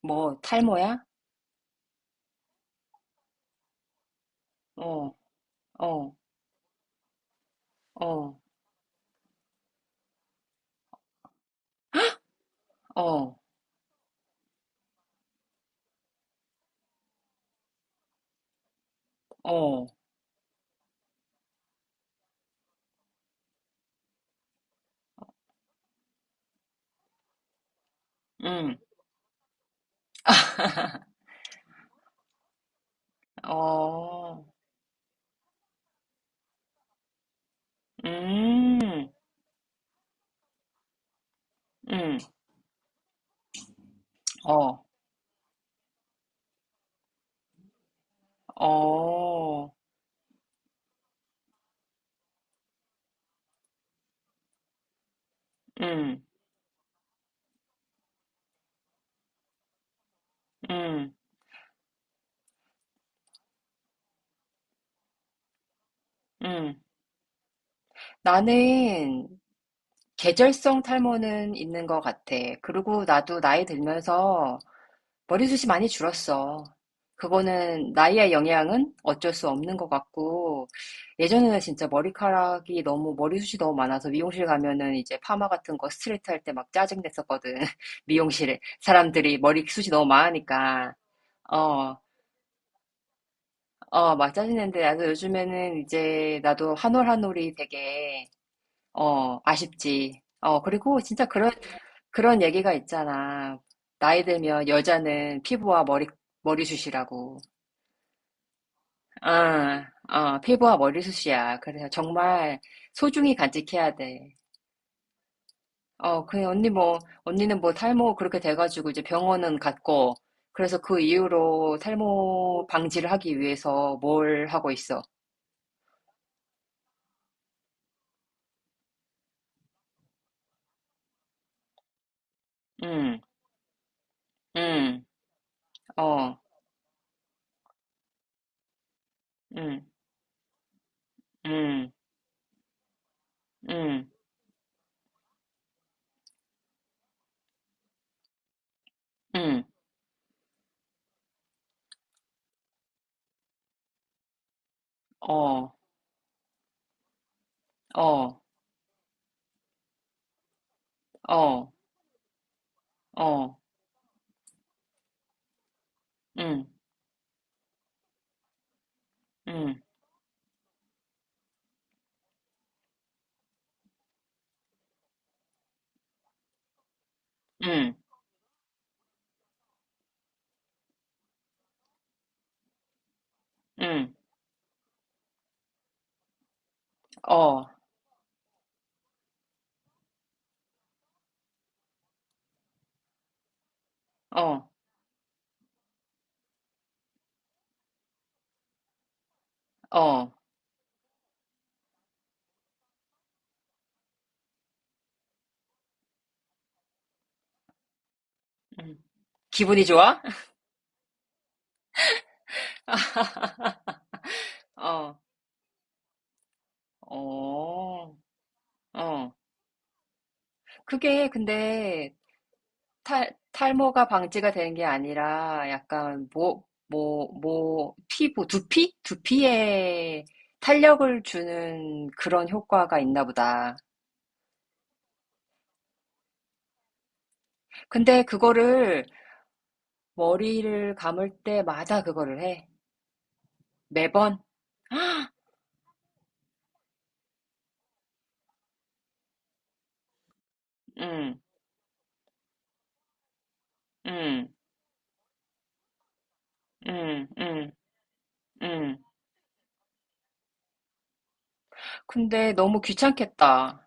뭐 탈모야? 어, 어, 어, 어, 어, 음, 어, 음, 음, 어, 어, 음, 음, 음. 나는 계절성 탈모는 있는 것 같아. 그리고 나도 나이 들면서 머리숱이 많이 줄었어. 그거는 나이의 영향은 어쩔 수 없는 것 같고, 예전에는 진짜 머리숱이 너무 많아서 미용실 가면은 이제 파마 같은 거 스트레이트 할 때 막 짜증 냈었거든. 미용실에. 사람들이 머리숱이 너무 많으니까. 어, 어, 막 짜증 냈는데, 나도 요즘에는 이제 나도 한올 한 올이 되게, 어, 아쉽지. 어, 그리고 진짜 그런, 그런 얘기가 있잖아. 나이 들면 여자는 피부와 머리숱이라고. 아, 어, 피부와 머리숱이야. 그래서 정말 소중히 간직해야 돼. 어, 그 언니 뭐, 언니는 뭐 탈모 그렇게 돼가지고 이제 병원은 갔고, 그래서 그 이후로 탈모 방지를 하기 위해서 뭘 하고 있어? 응, 응, 어, 응, 응, 응, 응, 어, 어, 어, 어, 응, 응, 응, 응, 어, 어, 어, 응. 기분이 좋아? 어, 어. 어, 그게 근데 탈모가 방지가 되는 게 아니라 약간 피부, 두피? 두피에 탄력을 주는 그런 효과가 있나 보다. 근데 그거를 머리를 감을 때마다 그거를 해. 매번? 응, 응, 응, 응, 응. 근데 너무 귀찮겠다.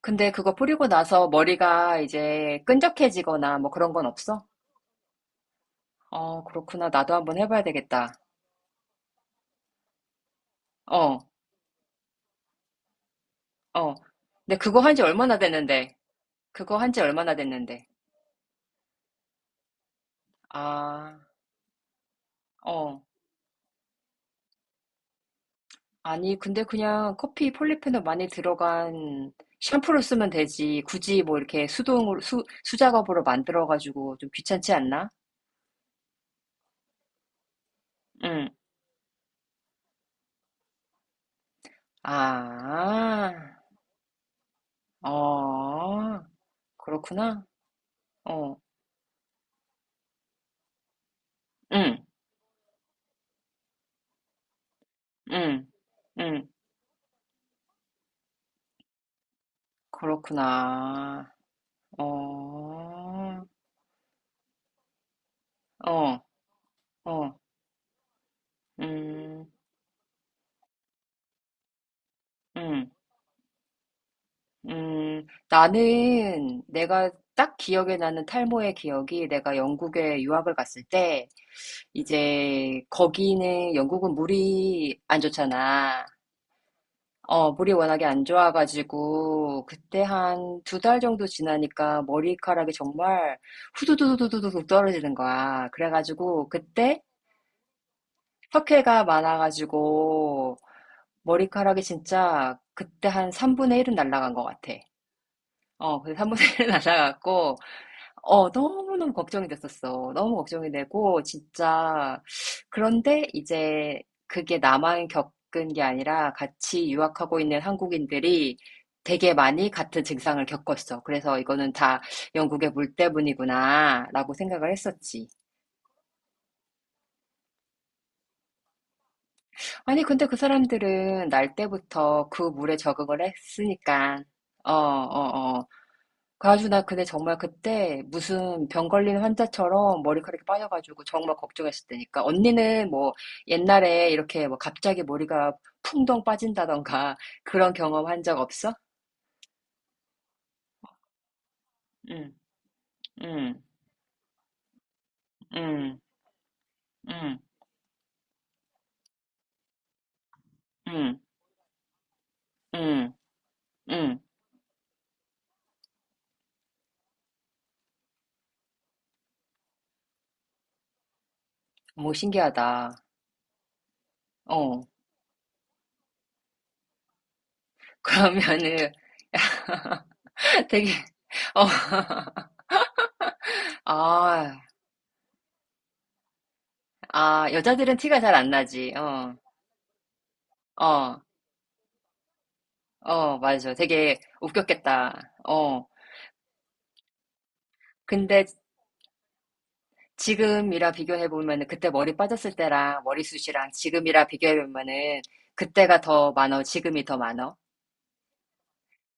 근데 그거 뿌리고 나서 머리가 이제 끈적해지거나 뭐 그런 건 없어? 어, 그렇구나. 나도 한번 해봐야 되겠다. 어, 어. 근데 그거 한지 얼마나 됐는데? 그거 한지 얼마나 됐는데? 아, 어. 아니, 근데 그냥 커피 폴리페놀 많이 들어간 샴푸를 쓰면 되지. 굳이 뭐 이렇게 수작업으로 만들어가지고 좀 귀찮지 않나? 응. 아, 어, 그렇구나. 어, 응, 응, 응. 그렇구나. 어, 어, 어. 음, 음, 나는 내가 딱 기억에 나는 탈모의 기억이 내가 영국에 유학을 갔을 때 이제 거기는 영국은 물이 안 좋잖아. 어, 물이 워낙에 안 좋아가지고 그때 한 두 달 정도 지나니까 머리카락이 정말 후두두두두두둑 떨어지는 거야. 그래가지고 그때 석회가 많아가지고 머리카락이 진짜 그때 한 3분의 1은 날라간 것 같아. 어, 그래서 한 번에 날아갔고, 어, 너무너무 걱정이 됐었어. 너무 걱정이 되고, 진짜. 그런데 이제 그게 나만 겪은 게 아니라 같이 유학하고 있는 한국인들이 되게 많이 같은 증상을 겪었어. 그래서 이거는 다 영국의 물 때문이구나, 라고 생각을 했었지. 아니, 근데 그 사람들은 날 때부터 그 물에 적응을 했으니까, 어, 어, 어. 가주 나 근데 정말 그때 무슨 병 걸린 환자처럼 머리카락이 빠져가지고 정말 걱정했을 때니까 언니는 뭐 옛날에 이렇게 뭐 갑자기 머리가 풍덩 빠진다던가 그런 경험한 적 없어? 응, 응, 응, 응, 응, 응, 응. 뭐 신기하다. 어. 그러면은 되게 어. 아, 아, 여자들은 티가 잘 안 나지. 어. 어. 어, 맞아. 되게 웃겼겠다. 어. 근데 지금이라 비교해 보면은 그때 머리 빠졌을 때랑 머리숱이랑 지금이라 비교해 보면은 그때가 더 많어, 지금이 더 많어.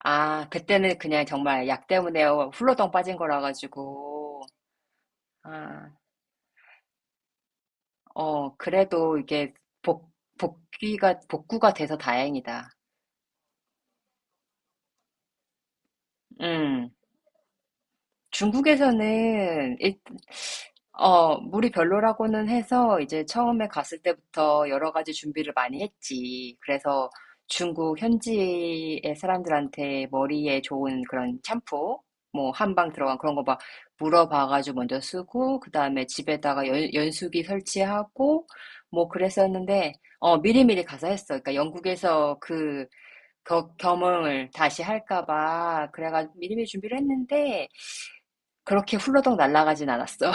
아, 그때는 그냥 정말 약 때문에 훌러덩 빠진 거라 가지고 아, 어, 그래도 이게 복 복귀가 복구가 돼서 다행이다. 음. 중국에서는 일, 어, 물이 별로라고는 해서 이제 처음에 갔을 때부터 여러 가지 준비를 많이 했지. 그래서 중국 현지의 사람들한테 머리에 좋은 그런 샴푸, 뭐 한방 들어간 그런 거 막 물어봐가지고 먼저 쓰고, 그 다음에 집에다가 연수기 설치하고, 뭐 그랬었는데, 어, 미리미리 가서 했어. 그러니까 영국에서 그 겸응을 다시 할까 봐. 그래가 미리미리 준비를 했는데, 그렇게 훌러덩 날아가진 않았어.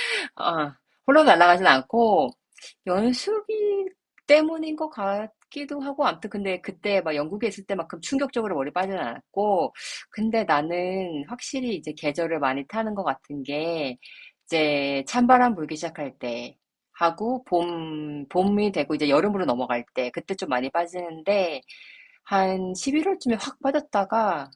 어, 러로 날아가진 않고 연습이 때문인 것 같기도 하고 아무튼 근데 그때 막 영국에 있을 때만큼 충격적으로 머리 빠지진 않았고 근데 나는 확실히 이제 계절을 많이 타는 것 같은 게 이제 찬바람 불기 시작할 때 하고 봄 봄이 되고 이제 여름으로 넘어갈 때 그때 좀 많이 빠지는데 한 11월쯤에 확 빠졌다가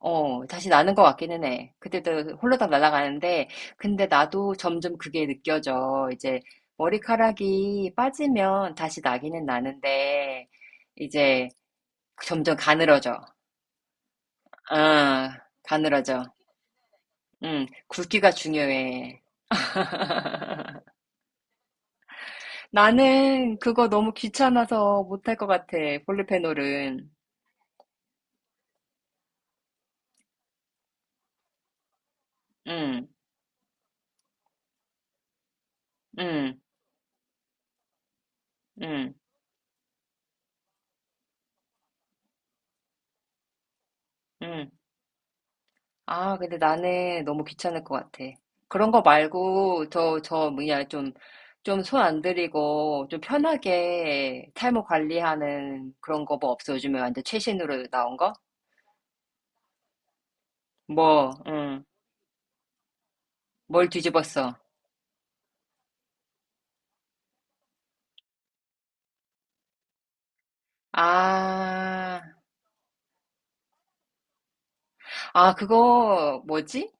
어, 다시 나는 것 같기는 해. 그때도 홀로딱 날아가는데, 근데 나도 점점 그게 느껴져. 이제 머리카락이 빠지면 다시 나기는 나는데, 이제 점점 가늘어져. 아, 가늘어져. 응, 굵기가 중요해. 나는 그거 너무 귀찮아서 못할 것 같아. 볼리페놀은. 응, 응, 응, 응. 아, 근데 나는 너무 귀찮을 것 같아. 그런 거 말고, 저, 저, 뭐냐, 좀, 좀 손 안 들이고, 좀 편하게 탈모 관리하는 그런 거 뭐 없어? 요즘에 완전 최신으로 나온 거? 뭐, 응, 뭘 뒤집었어? 아, 아, 그거, 뭐지?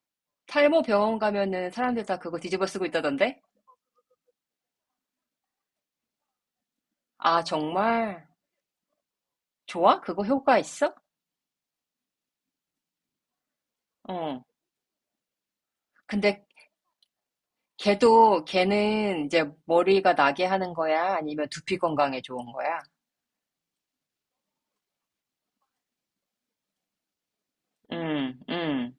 탈모 병원 가면은 사람들 다 그거 뒤집어 쓰고 있다던데? 아, 정말? 좋아? 그거 효과 있어? 응. 근데 걔도 걔는 이제 머리가 나게 하는 거야? 아니면 두피 건강에 좋은 거야? 음, 음.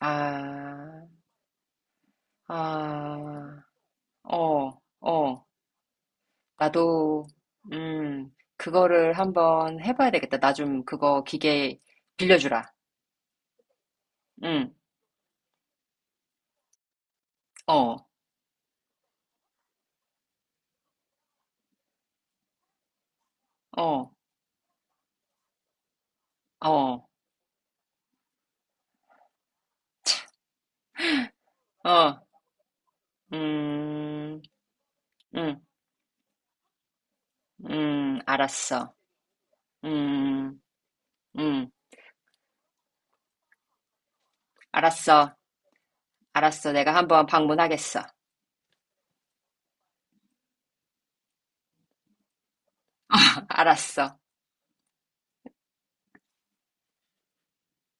아, 아, 어, 어. 나도, 음, 그거를 한번 해봐야 되겠다. 나 좀 그거 기계 빌려주라. 음, 어, 어, 어, 어, 음, 음, 알았어. 음, 음, 알았어. 알았어. 내가 한번 방문하겠어. 알았어.